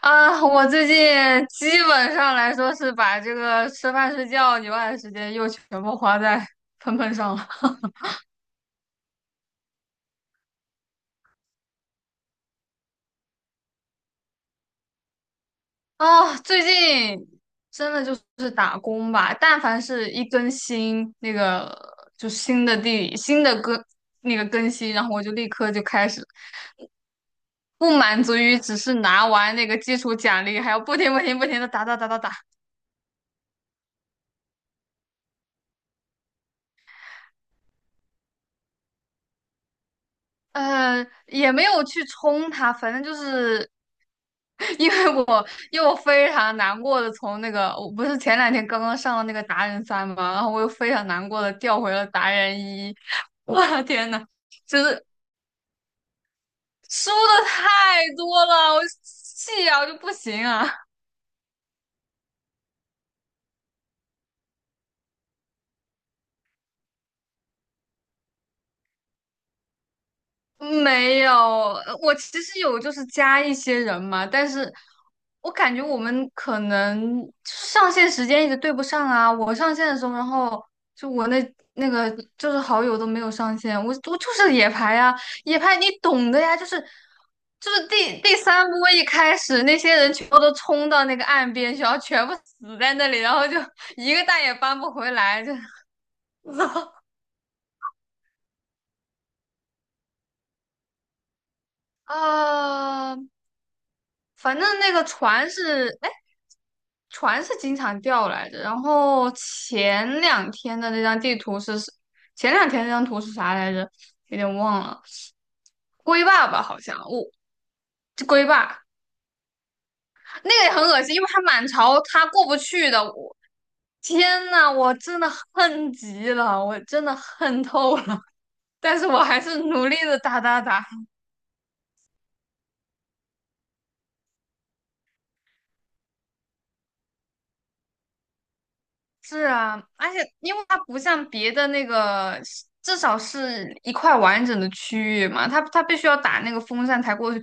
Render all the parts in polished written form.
啊，我最近基本上来说是把这个吃饭睡觉以外的时间又全部花在喷喷上了。啊，最近真的就是打工吧，但凡是一更新那个就新的地新的更那个更新，然后我就立刻就开始，不满足于只是拿完那个基础奖励，还要不停不停不停的打打打打打。也没有去冲它，反正就是 因为我又非常难过的从那个我不是前两天刚刚上了那个达人三嘛，然后我又非常难过的调回了达人一，我的天呐，就是输的太多了，我气啊，我就不行啊。没有，我其实有就是加一些人嘛，但是我感觉我们可能上线时间一直对不上啊。我上线的时候，然后就我那个就是好友都没有上线，我就是野排呀、野排你懂的呀，就是第三波一开始，那些人全部都冲到那个岸边去，然后全部死在那里，然后就 一个蛋也搬不回来，就 啊。反正那个船是，哎，船是经常掉来着。然后前两天的那张地图是，前两天那张图是啥来着？有点忘了，龟爸爸好像，我、这龟爸那个也很恶心，因为他满潮，他过不去的。天呐，我真的恨极了，我真的恨透了，但是我还是努力的打打打。是啊，而且因为它不像别的那个，至少是一块完整的区域嘛，它必须要打那个风扇才过去，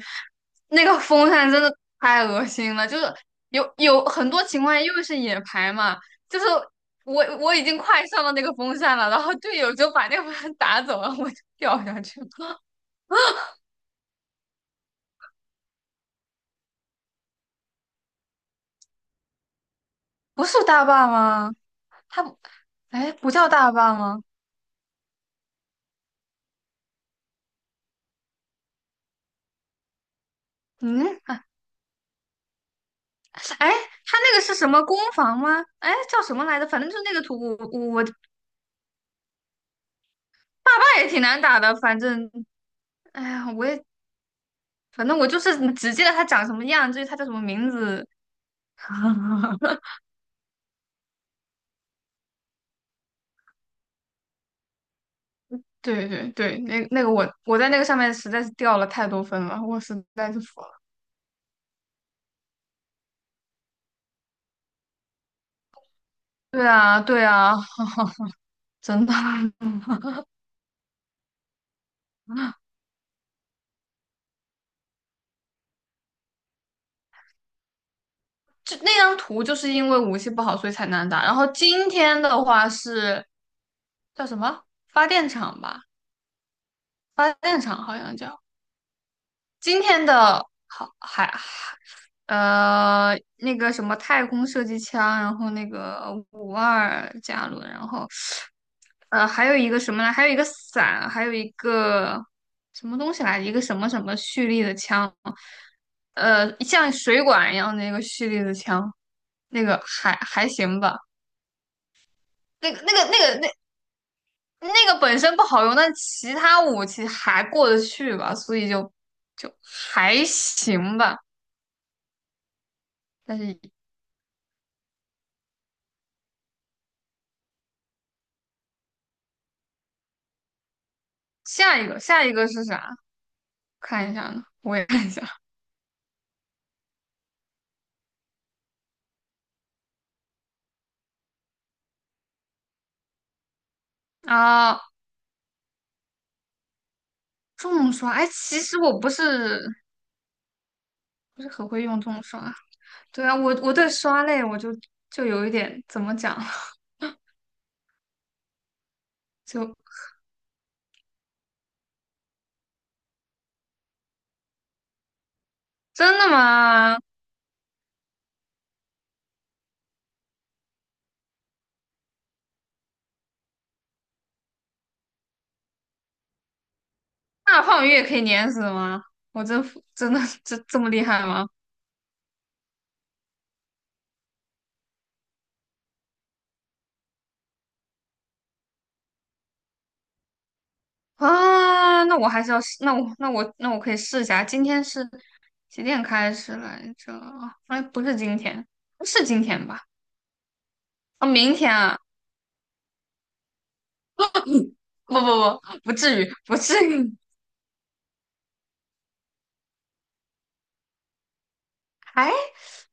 那个风扇真的太恶心了，就是有很多情况下，因为是野排嘛，就是我已经快上到那个风扇了，然后队友就把那个风扇打走了，我就掉下去了，不是大坝吗？它不，哎，不叫大坝吗？嗯。哎，他那个是什么攻防吗？哎，叫什么来着？反正就是那个图，我爸爸也挺难打的。反正，哎呀，反正我就是只记得他长什么样，至于他叫什么名字，对对对，那个我在那个上面实在是掉了太多分了，我实在是服了。对啊对啊，真的，就那张图就是因为武器不好所以才难打。然后今天的话是叫什么发电厂吧，发电厂好像叫。今天的好还呃那个什么太空射击枪，然后那个52加仑，然后还有一个什么呢？还有一个伞，还有一个什么东西来着，一个什么什么蓄力的枪，像水管一样的那个蓄力的枪，那个还行吧，那个那个那个那那个本身不好用，但其他武器还过得去吧，所以就还行吧。但是下一个是啥？看一下呢，我也看一下啊。重刷，哎，其实我不是很会用重刷。对啊，我对刷类我就有一点怎么讲，就真的吗？大胖鱼也可以碾死吗？我真服真的这么厉害吗？啊，那我还是要试，那我可以试一下。今天是几点开始来着？哎，不是今天，不是今天吧？啊，明天啊。不不不，不至于，不至于。哎，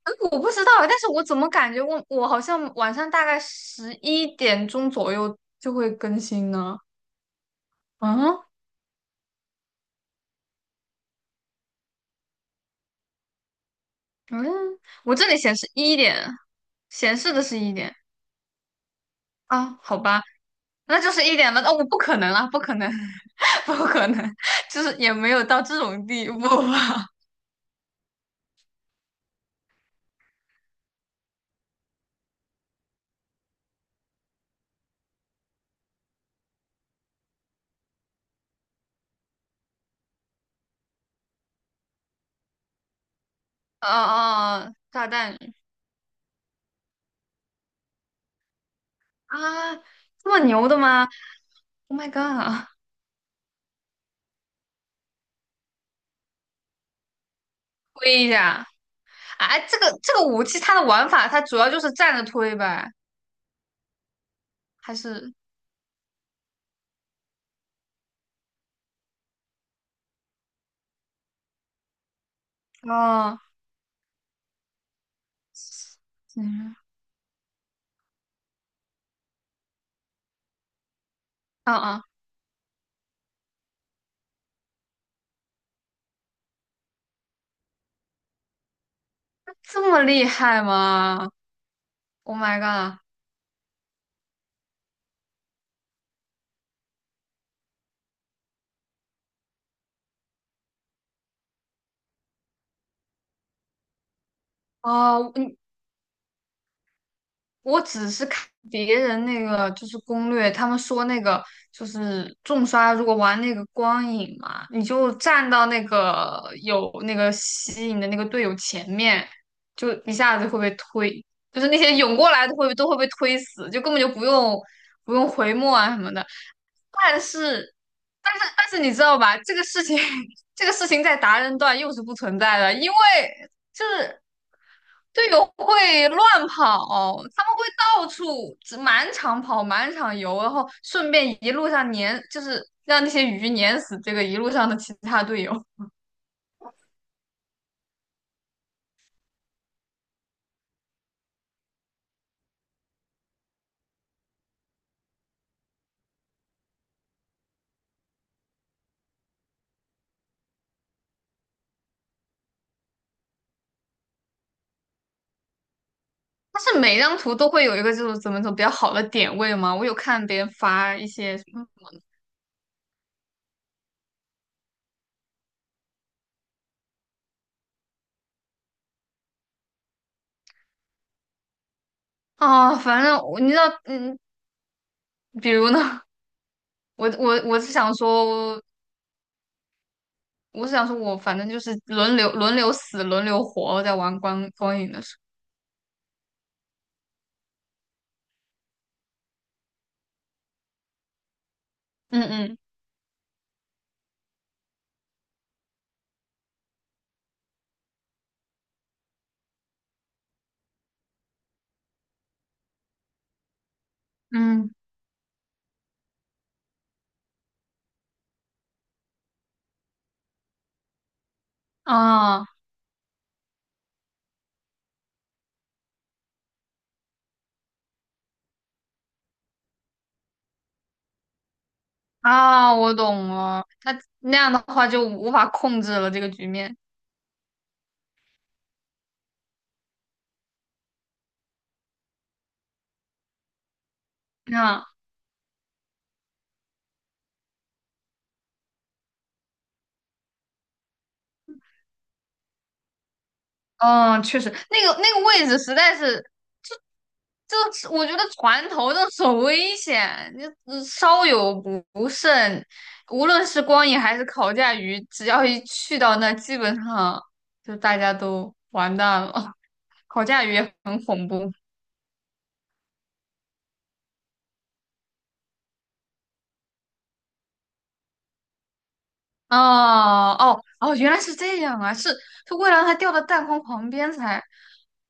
我不知道，但是我怎么感觉我好像晚上大概11点钟左右就会更新呢？嗯嗯，我这里显示一点，显示的是一点啊，好吧，那就是一点了。哦，我不可能啊，不可能，不可能，就是也没有到这种地步吧。啊啊 哦炸弹鱼啊，这么牛的吗？Oh my god！推一下。哎，这个武器它的玩法，它主要就是站着推呗，还是哦，嗯嗯嗯，这么厉害吗？Oh my god！哦，我只是看别人那个就是攻略，他们说那个就是重刷，如果玩那个光影嘛，你就站到那个有那个吸引的那个队友前面，就一下子会被推，就是那些涌过来的会都会被推死，就根本就不用回墨啊什么的。但是，但是你知道吧？这个事情，这个事情在达人段又是不存在的，因为就是队友会乱跑，他们会到处只满场跑、满场游，然后顺便一路上碾，就是让那些鱼碾死这个一路上的其他队友。但是每张图都会有一个就是怎么走比较好的点位嘛，我有看别人发一些什么啊，反正我你知道，比如呢，我我我是想说，我是想说我反正就是轮流轮流死、轮流活，在玩光影的时候，嗯嗯，嗯啊。啊，我懂了。那样的话就无法控制了这个局面。那、嗯，确实，那个位置实在是，这这是我觉得船头那很危险，你稍有不慎，无论是光影还是烤架鱼，只要一去到那，基本上就大家都完蛋了。烤架鱼也很恐怖。哦哦哦，原来是这样啊！是是为了让它掉到弹框旁边才。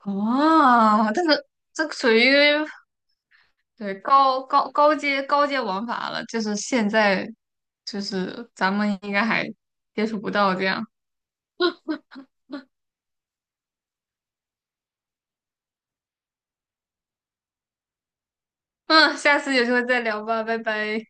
哦，但是这个属于对高阶玩法了，就是现在就是咱们应该还接触不到这样。嗯，下次有机会再聊吧，拜拜。